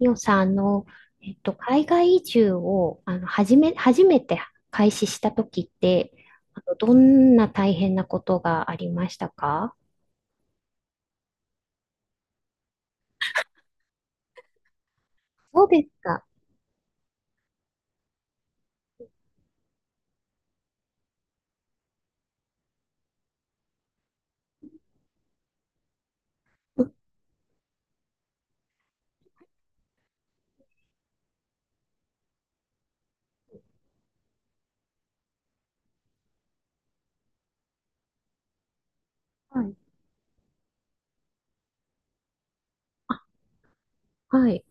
ミオさん、海外移住を、初めて開始した時って、どんな大変なことがありましたか？そうですか。うん。はい。はい。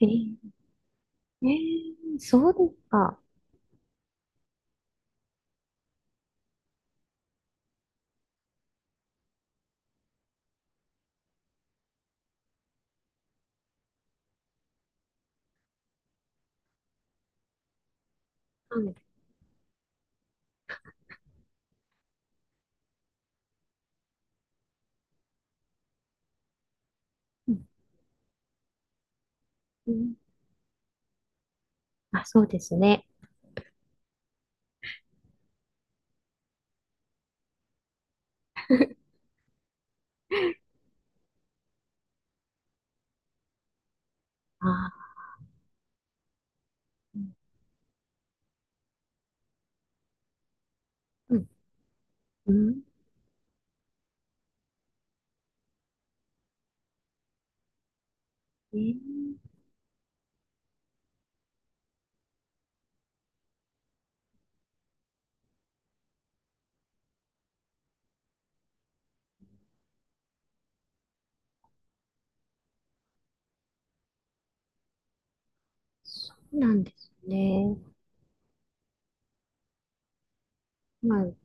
えー、えーそうですか。はい。うんうん。あ、そうですね。あー、うん、うん。えー、そうなんですね。まあ、う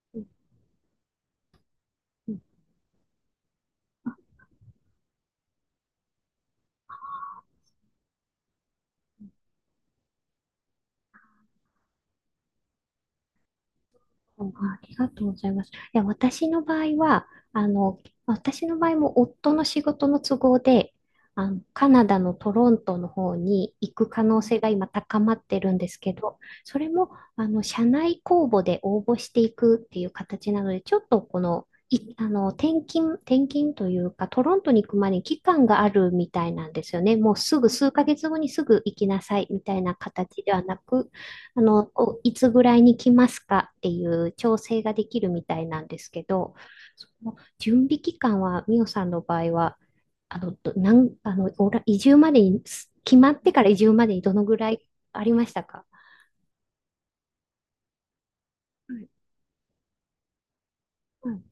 んうん、ありがとうございます。いや、あの、私の場合も夫の仕事の都合で、カナダのトロントの方に行く可能性が今高まってるんですけど、それも、社内公募で応募していくっていう形なので、ちょっとこの転勤というか、トロントに行くまでに期間があるみたいなんですよね。もうすぐ数ヶ月後にすぐ行きなさいみたいな形ではなく、こういつぐらいに来ますかっていう調整ができるみたいなんですけど、その準備期間は、ミオさんの場合は、あの、どなん、あの、おら移住までに、す決まってから移住までにどのぐらいありましたか？はいはい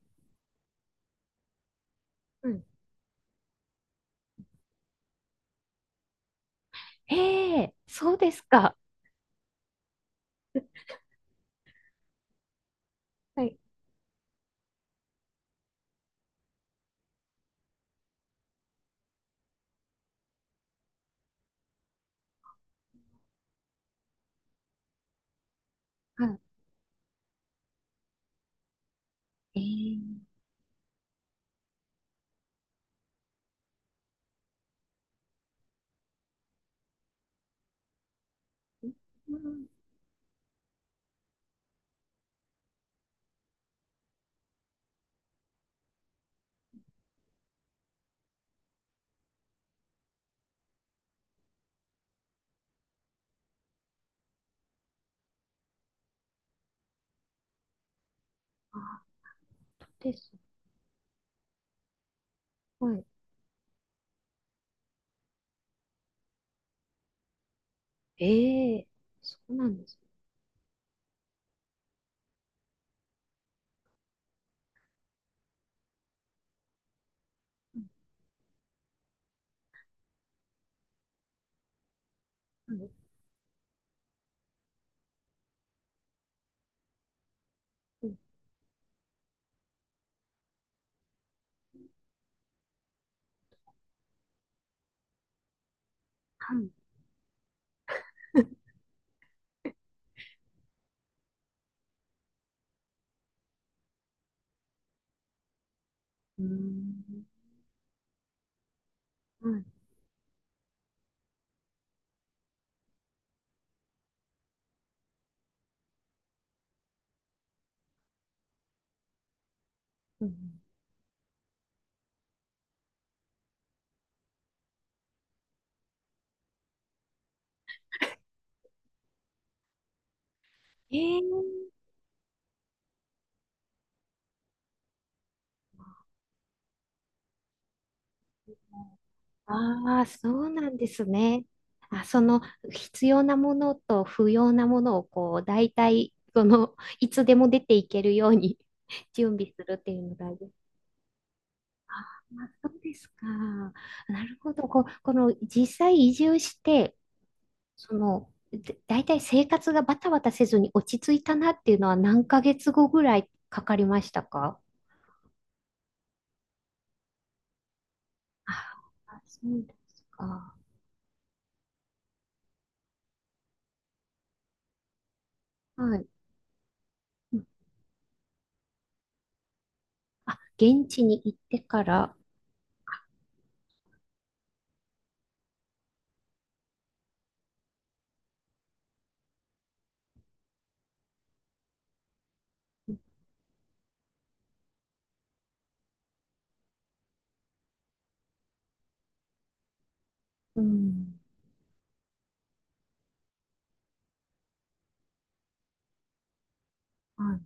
はい。ええ、そうですか。はい、はい。ええ。うん。あ、です。はい。ええ、そうなんです。はい。ん、はい。うーん。はい。うん。ええ。ああ、そうなんですね。あ、その必要なものと不要なものをこう、大体、その、いつでも出ていけるように 準備するっていうのが大事。あ、そうですか。なるほど。こう、この実際移住して、その、で大体生活がバタバタせずに落ち着いたなっていうのは何ヶ月後ぐらいかかりましたか？あ、そうですか。はい。うん。あ、現地に行ってから、うん。あ、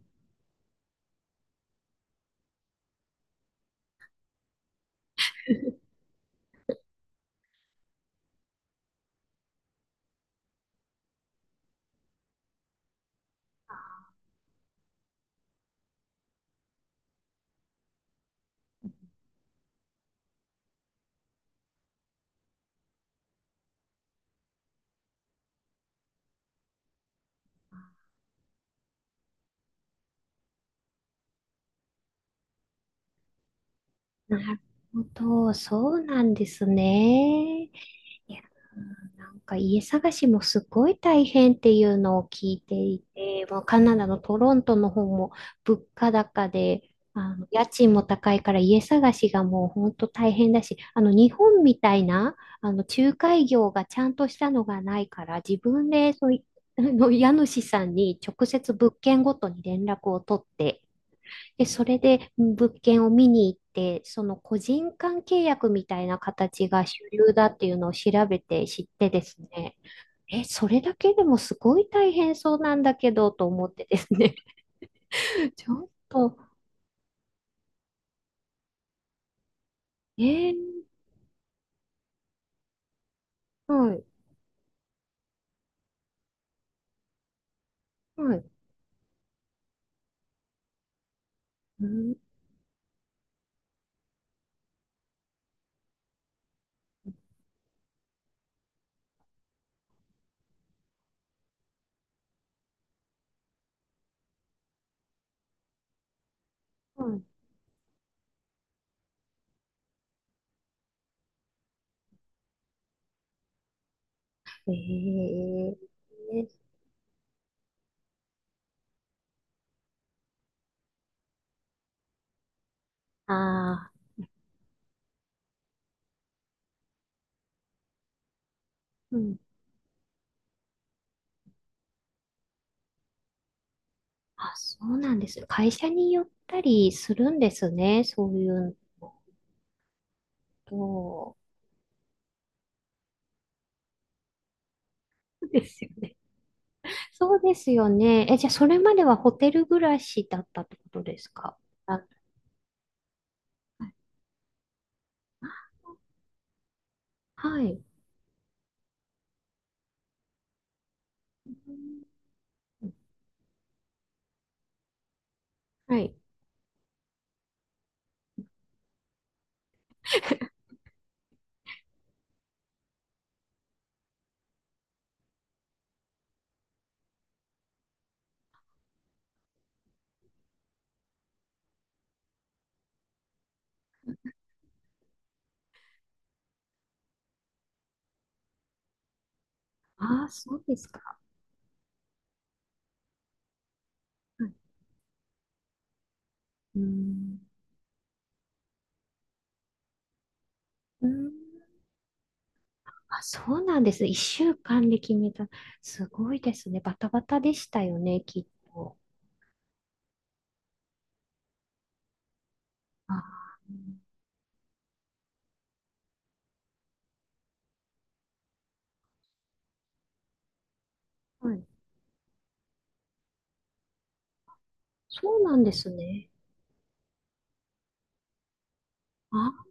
なるほど。そうなんですね。いやー、なんか家探しもすごい大変っていうのを聞いていて、もうカナダのトロントの方も物価高で、あの家賃も高いから家探しがもう本当大変だし、あの日本みたいな、あの仲介業がちゃんとしたのがないから、自分でそうい の家主さんに直接物件ごとに連絡を取って、で、それで物件を見に行って、その個人間契約みたいな形が主流だっていうのを調べて知ってですね、え、それだけでもすごい大変そうなんだけどと思ってですね、ちょっと、えー、はい、はい、うん、はい、えー、あー、うん、あ、そうなんです。会社によったりするんですね、そういうのと。そうですよね。そうですよね。え、じゃあ、それまではホテル暮らしだったってことですか？あ、はい。うん、はい。ああ、そうですか。はい。うん。うん。あ、そうなんですね。一週間で決めた。すごいですね。バタバタでしたよね、きっと。あー、はい。そうなんですね。あ、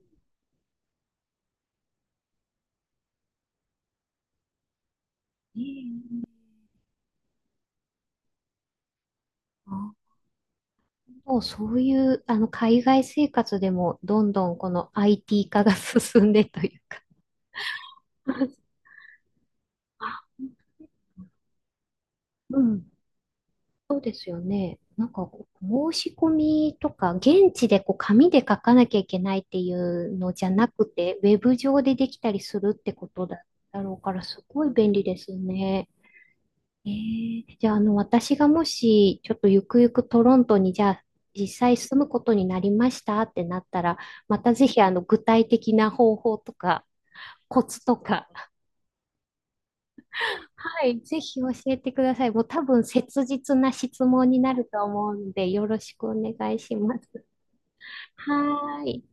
ええ、あ、もうそういう、海外生活でも、どんどんこの IT 化が 進んでというか。あ、うん。そうですよね。なんか、申し込みとか、現地でこう紙で書かなきゃいけないっていうのじゃなくて、ウェブ上でできたりするってことだ、だろうから、すごい便利ですね。えー、じゃあ、私がもし、ちょっとゆくゆくトロントに、じゃあ、実際住むことになりましたってなったら、またぜひ、具体的な方法とか、コツとか、はい、ぜひ教えてください。もう多分切実な質問になると思うんで、よろしくお願いします。はーい。